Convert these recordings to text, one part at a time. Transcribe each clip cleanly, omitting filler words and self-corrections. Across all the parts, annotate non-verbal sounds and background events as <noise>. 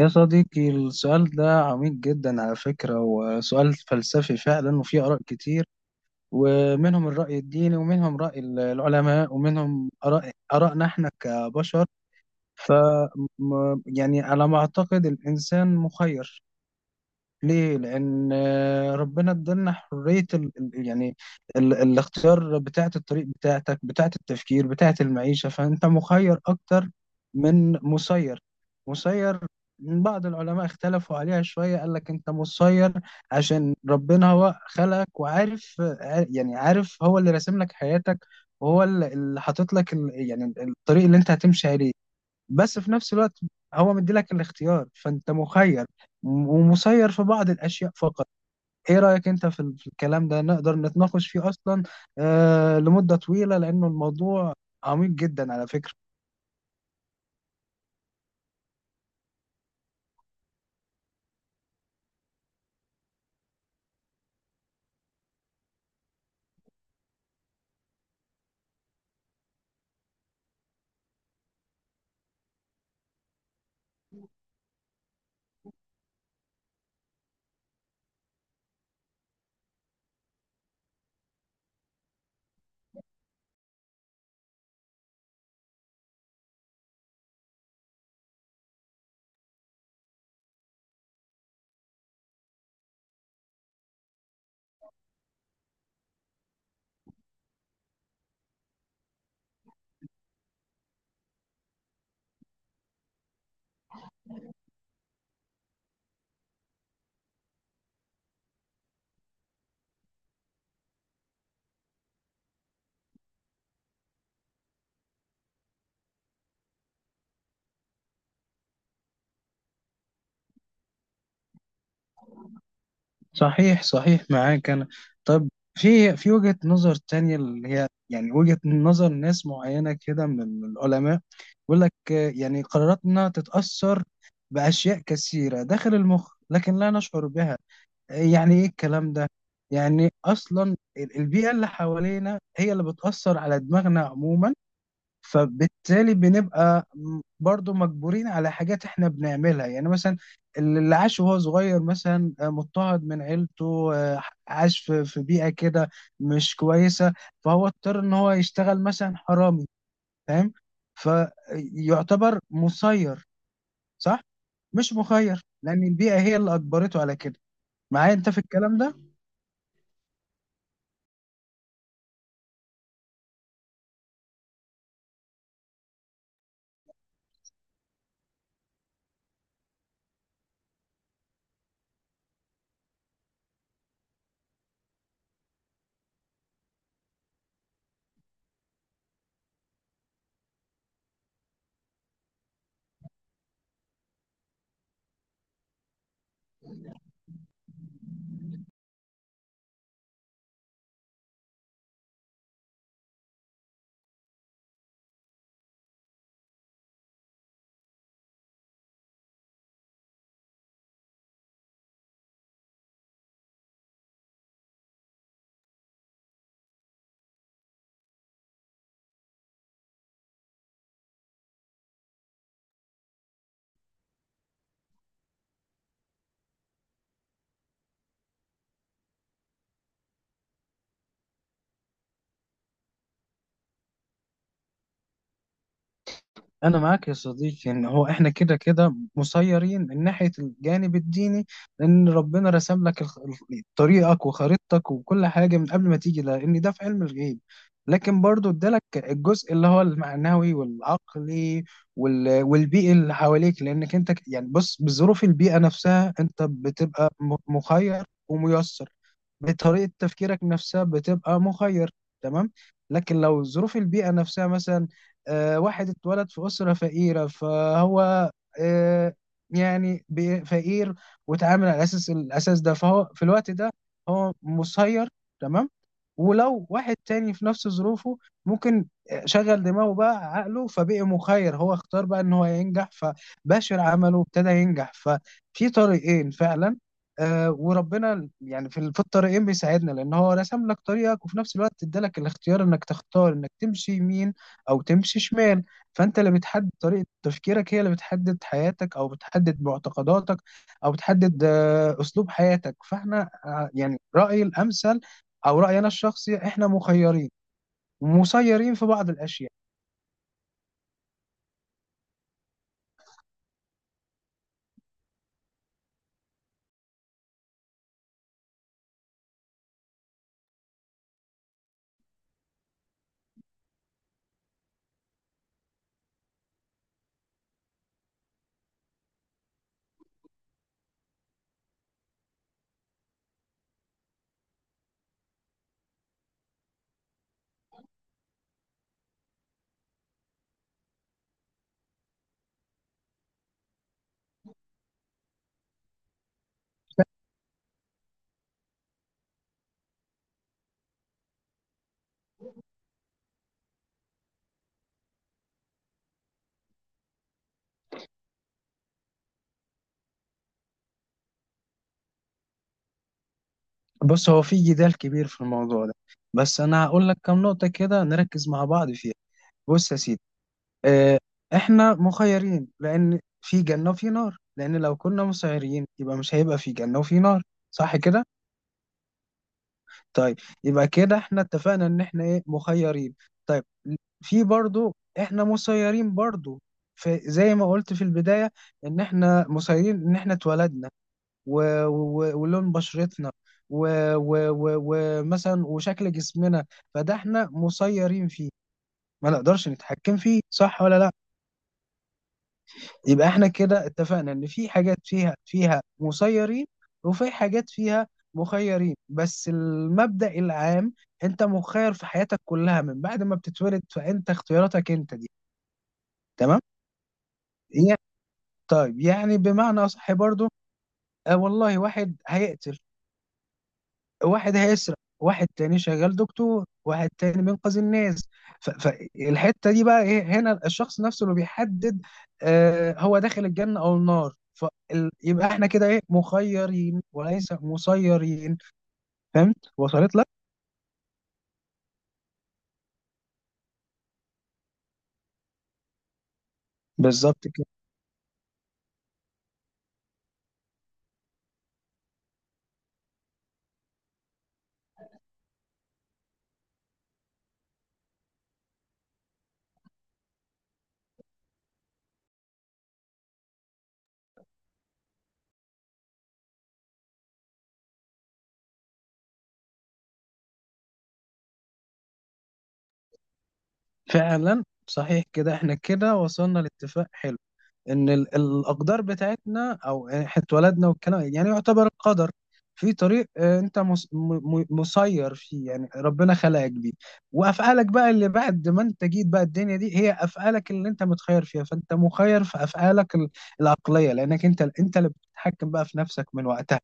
يا صديقي، السؤال ده عميق جدا على فكرة، وسؤال فلسفي فعلا، وفيه آراء كتير. ومنهم الرأي الديني، ومنهم رأي العلماء، ومنهم آرائنا احنا كبشر. ف يعني على ما أعتقد الإنسان مخير. ليه؟ لأن ربنا ادالنا حرية ال ال- يعني ال الاختيار، بتاعة الطريق بتاعتك، بتاعة التفكير، بتاعة المعيشة. فأنت مخير أكتر من مسير. مسير، بعض العلماء اختلفوا عليها شوية، قال لك أنت مسير عشان ربنا هو خلقك، وعارف عار- يعني عارف هو اللي راسم لك حياتك، وهو اللي حاطط لك الطريق اللي أنت هتمشي عليه. بس في نفس الوقت هو مديلك الاختيار، فانت مخير، ومسير في بعض الاشياء فقط. ايه رايك انت في في الكلام ده؟ نقدر نتناقش فيه اصلا آه لمده طويله، لانه الموضوع عميق جدا على فكره. صحيح صحيح، معاك انا. طب، في في وجهه نظر تانية، اللي هي يعني وجهه نظر ناس معينه كده من العلماء، بيقول لك يعني قراراتنا تتاثر باشياء كثيره داخل المخ لكن لا نشعر بها. يعني ايه الكلام ده؟ يعني اصلا البيئه اللي حوالينا هي اللي بتاثر على دماغنا عموما، فبالتالي بنبقى برضو مجبورين على حاجات احنا بنعملها. يعني مثلا، اللي عاش وهو صغير مثلا مضطهد من عيلته، عاش في في بيئه كده مش كويسه، فهو اضطر ان هو يشتغل مثلا حرامي، فاهم؟ فيعتبر مسير، صح؟ مش مخير، لان البيئه هي اللي اجبرته على كده. معايا انت في الكلام ده؟ انا معاك يا صديقي. يعني هو احنا كده كده مسيرين من ناحيه الجانب الديني، لان ربنا رسم لك طريقك وخريطتك وكل حاجه من قبل ما تيجي، لان ده في علم الغيب. لكن برضو ادالك الجزء اللي هو المعنوي والعقلي والبيئي اللي حواليك. لانك انت بص، بظروف البيئه نفسها انت بتبقى مخير وميسر. بطريقه تفكيرك نفسها بتبقى مخير. تمام، لكن لو ظروف البيئه نفسها مثلا واحد اتولد في اسره فقيره، فهو آه، فقير، واتعامل على اساس الاساس ده، فهو في الوقت ده هو مسير. تمام. ولو واحد تاني في نفس ظروفه ممكن شغل دماغه بقى، عقله فبقي مخير. هو اختار بقى ان هو ينجح، فباشر عمله وابتدى ينجح. ففي طريقين فعلا. آه، وربنا يعني في في الطريقين بيساعدنا، لان هو رسم لك طريقك وفي نفس الوقت ادالك الاختيار انك تختار انك تمشي يمين او تمشي شمال. فانت اللي بتحدد طريقة تفكيرك، هي اللي بتحدد حياتك، او بتحدد معتقداتك، او بتحدد آه اسلوب حياتك. فاحنا آه يعني رأيي الامثل او رأيي انا الشخصي، احنا مخيرين ومسيرين في بعض الاشياء. بص، هو في جدال كبير في الموضوع ده، بس انا هقول لك كم نقطة كده نركز مع بعض فيها. بص يا سيدي، آه، احنا مخيرين لان في جنة وفي نار، لان لو كنا مسيرين يبقى مش هيبقى في جنة وفي نار. صح كده؟ طيب، يبقى كده احنا اتفقنا ان احنا ايه؟ مخيرين. طيب، في برضو احنا مسيرين برضو. فزي ما قلت في البداية، ان احنا مسيرين ان احنا اتولدنا و... ولون بشرتنا، ومثلا ومثلا وشكل جسمنا. فده احنا مسيرين فيه، ما نقدرش نتحكم فيه، صح ولا لا؟ يبقى احنا كده اتفقنا ان في حاجات فيها مسيرين، وفي حاجات فيها مخيرين. بس المبدأ العام، انت مخير في حياتك كلها من بعد ما بتتولد، فانت اختياراتك انت دي. تمام؟ يعني- طيب، يعني بمعنى اصح برضو والله، واحد هيقتل، واحد هيسرق، واحد تاني شغال دكتور، واحد تاني بينقذ الناس. فالحتة دي بقى ايه؟ هنا الشخص نفسه اللي بيحدد آه هو داخل الجنة او النار. فيبقى احنا كده ايه؟ مخيرين وليس مسيرين. فهمت؟ وصلت لك؟ بالظبط كده. فعلا صحيح كده، احنا كده وصلنا لاتفاق حلو، ان الاقدار بتاعتنا، او احنا اتولدنا والكلام يعني يعتبر القدر، في طريق آه، انت مس- م- م- مسير فيه، يعني ربنا خلقك بيه. وافعالك بقى اللي بعد ما انت جيت بقى الدنيا دي، هي افعالك اللي انت متخير فيها. فانت مخير في افعالك العقليه، لانك انت اللي بتتحكم بقى في نفسك من وقتها.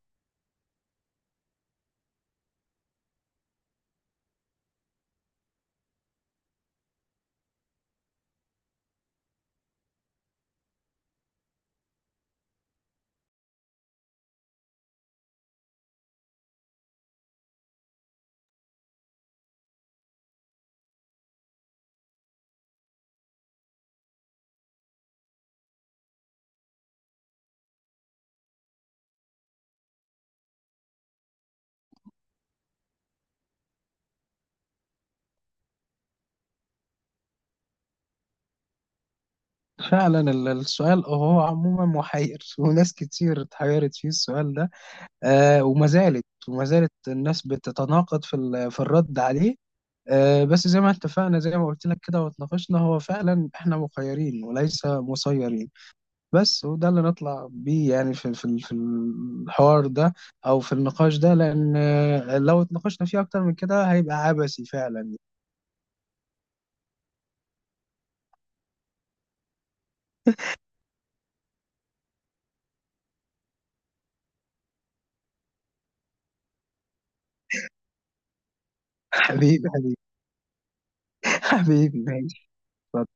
فعلا السؤال هو عموما محير <laughs> وناس كتير اتحيرت فيه، السؤال ده. آه، وما زالت الناس بتتناقض في في الرد عليه. بس زي ما اتفقنا، زي ما قلت لك كده واتناقشنا، هو فعلا احنا مخيرين وليس مسيرين. بس، وده اللي نطلع بيه يعني في في الحوار ده او في النقاش ده، لان لو اتناقشنا فيه اكتر من كده هيبقى عبثي فعلا <laughs> حبيبي، حبيبي، ماشي. اتفضل.